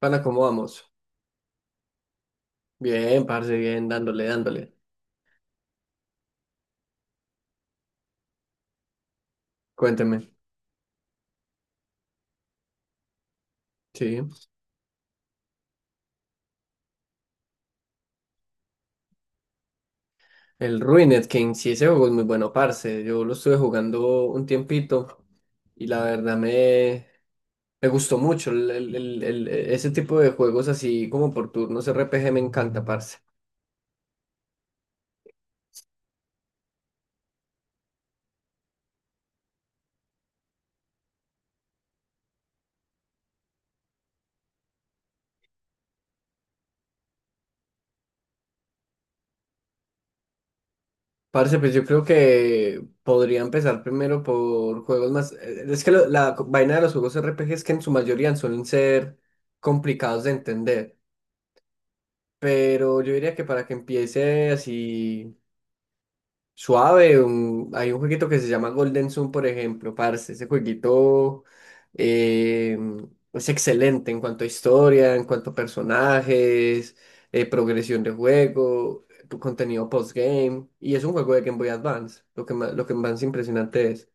Pana, ¿cómo vamos? Bien, parce, bien, dándole, dándole. Cuénteme. Sí. El Ruined King, sí, ese juego es muy bueno, parce. Yo lo estuve jugando un tiempito y la verdad me gustó mucho. Ese tipo de juegos así como por turnos RPG me encanta, parce. Parce, pues yo creo que podría empezar primero por juegos más... Es que vaina de los juegos RPG es que en su mayoría suelen ser complicados de entender. Pero yo diría que para que empiece así suave, hay un jueguito que se llama Golden Sun, por ejemplo, parce. Ese jueguito eh, es excelente en cuanto a historia, en cuanto a personajes, progresión de juego, tu contenido postgame, y es un juego de Game Boy Advance, lo que más impresionante es.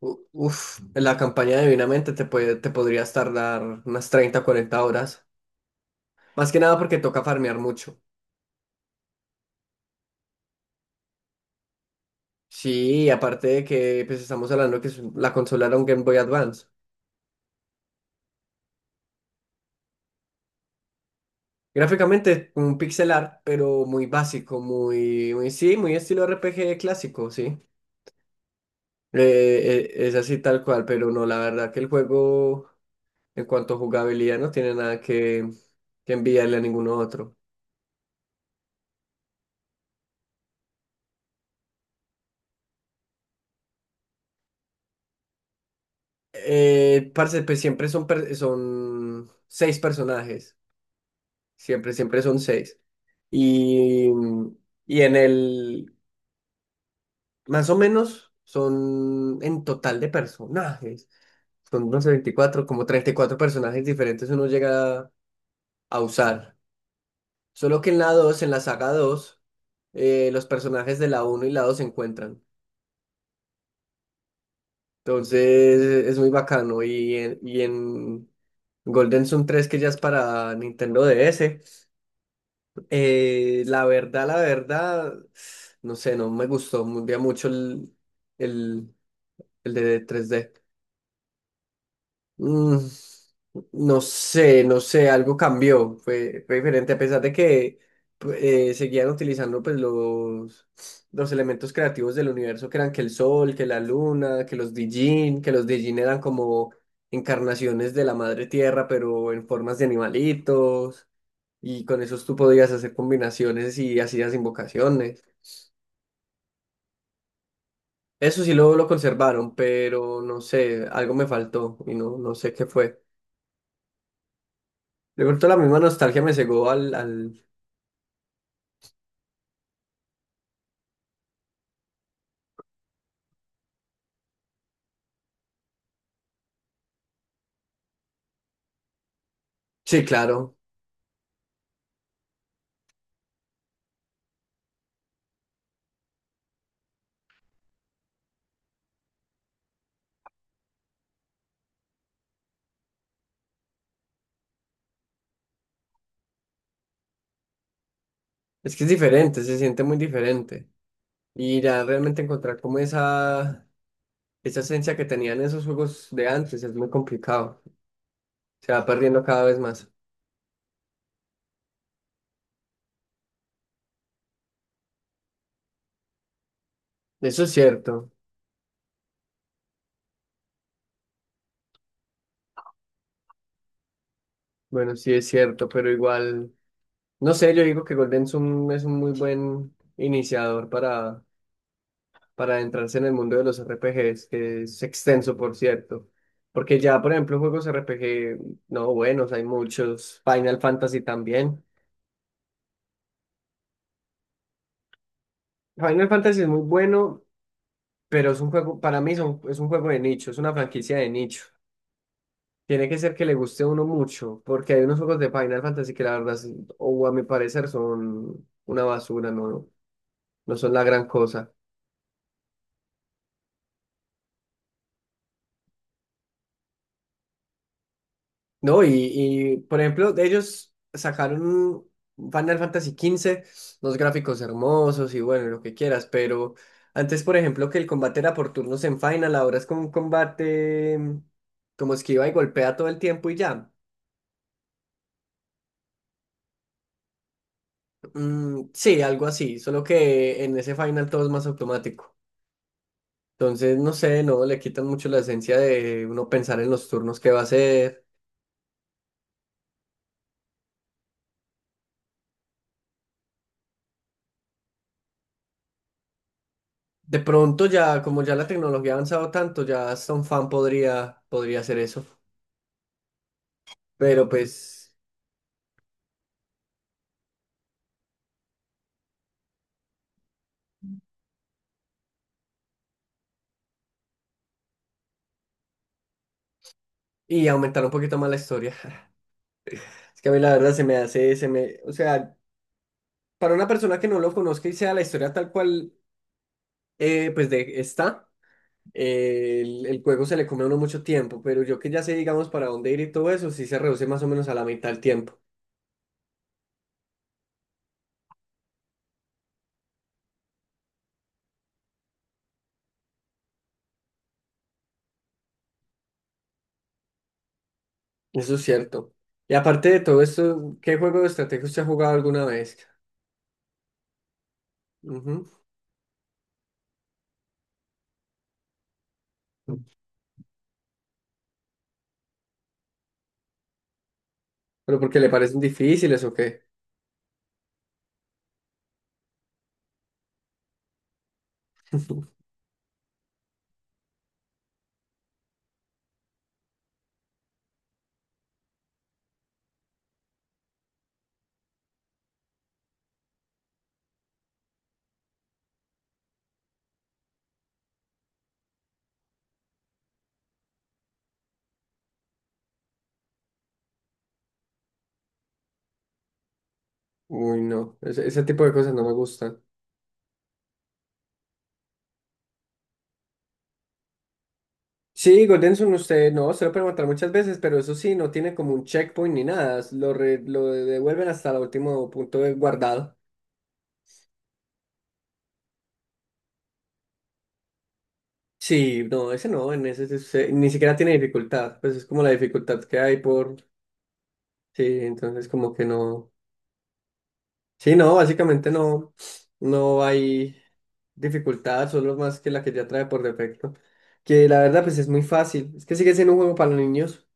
Uf, en la campaña divinamente te podrías tardar unas 30 40 horas, más que nada porque toca farmear mucho. Sí, aparte de que pues estamos hablando que es la consola era un Game Boy Advance. Gráficamente es un pixel art, pero muy básico, muy, muy sí, muy estilo RPG clásico, sí. Es así tal cual, pero no, la verdad que el juego, en cuanto a jugabilidad, no tiene nada que enviarle a ninguno otro. Parce, pues siempre son son seis personajes, siempre son seis. Y, y en el, más o menos, son en total de personajes. Son unos 24 como 34 personajes diferentes uno llega a usar. Solo que en la saga dos los personajes de la uno y la 2 se encuentran. Entonces es muy bacano. Y en Golden Sun 3 que ya es para Nintendo DS, la verdad, no sé, no me gustó ya mucho el, el de 3D. Mm, no sé algo cambió, fue diferente, a pesar de que seguían utilizando pues los elementos creativos del universo, que eran que el sol, que la luna, que los Dijin eran como encarnaciones de la madre tierra, pero en formas de animalitos, y con esos tú podías hacer combinaciones y hacías invocaciones. Eso sí lo conservaron, pero no sé, algo me faltó y no, no sé qué fue. De pronto la misma nostalgia me cegó al. Sí, claro. Es que es diferente, se siente muy diferente. Y ya realmente encontrar como esa esencia que tenían esos juegos de antes es muy complicado. Se va perdiendo cada vez más. Eso es cierto. Bueno, sí es cierto, pero igual... No sé, yo digo que Golden es un muy buen iniciador para adentrarse en el mundo de los RPGs, que es extenso, por cierto. Porque ya, por ejemplo, juegos RPG, no buenos, hay muchos. Final Fantasy también. Final Fantasy es muy bueno, pero es un juego, para mí es un juego de nicho, es una franquicia de nicho. Tiene que ser que le guste a uno mucho, porque hay unos juegos de Final Fantasy que la verdad, o a mi parecer, son una basura, no, no son la gran cosa. No, por ejemplo, de ellos sacaron un Final Fantasy 15. Los gráficos hermosos y bueno, lo que quieras, pero antes, por ejemplo, que el combate era por turnos en Final, ahora es como un combate como esquiva y golpea todo el tiempo y ya. Mm, sí, algo así, solo que en ese Final todo es más automático. Entonces, no sé, no le quitan mucho la esencia de uno pensar en los turnos que va a hacer. De pronto ya, como ya la tecnología ha avanzado tanto, ya hasta un fan podría hacer eso. Pero pues, y aumentar un poquito más la historia. Es que a mí la verdad se me hace, o sea, para una persona que no lo conozca y sea la historia tal cual, pues de está, el juego se le come a uno mucho tiempo, pero yo que ya sé, digamos, para dónde ir y todo eso, sí se reduce más o menos a la mitad del tiempo. Eso es cierto. Y aparte de todo esto, ¿qué juego de estrategia usted ha jugado alguna vez? Ujú. ¿Pero porque le parecen difíciles o qué? Uy, no, ese tipo de cosas no me gustan. Sí, Golden Sun, usted no, se lo puede matar muchas veces, pero eso sí, no tiene como un checkpoint ni nada. Lo devuelven hasta el último punto de guardado. Sí, no, ese no, en ese, ni siquiera tiene dificultad. Pues es como la dificultad que hay por. Sí, entonces como que no. Sí, no, básicamente no. No hay dificultad, solo más que la que ya trae por defecto. Que la verdad, pues es muy fácil. Es que sigue siendo un juego para niños.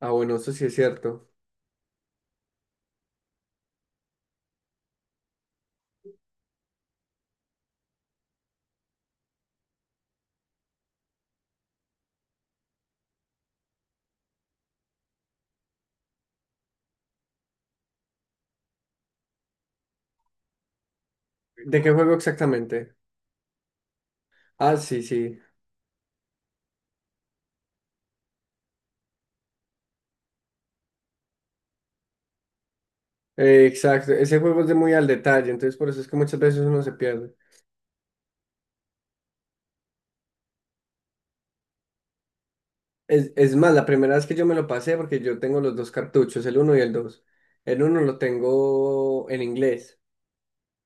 Ah, bueno, eso sí es cierto. ¿De qué juego exactamente? Ah, sí, sí. Exacto, ese juego es de muy al detalle, entonces por eso es que muchas veces uno se pierde. Es más, la primera vez que yo me lo pasé, porque yo tengo los dos cartuchos, el uno y el 2. El uno lo tengo en inglés.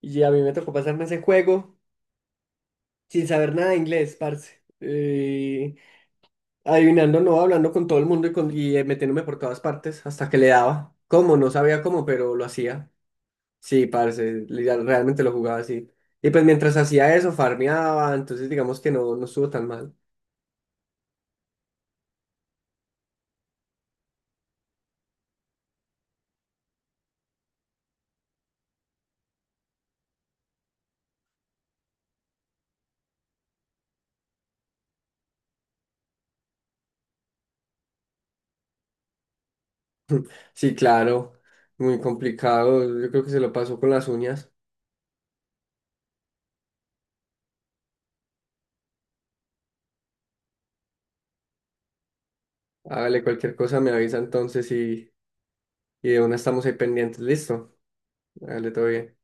Y a mí me tocó pasarme ese juego sin saber nada de inglés, parce. Adivinando, no, hablando con todo el mundo y metiéndome por todas partes hasta que le daba. ¿Cómo? No sabía cómo, pero lo hacía. Sí, parce, realmente lo jugaba así. Y pues mientras hacía eso, farmeaba, entonces digamos que no, no estuvo tan mal. Sí, claro, muy complicado. Yo creo que se lo pasó con las uñas. Hágale cualquier cosa, me avisa entonces y de una estamos ahí pendientes. Listo, hágale todo bien.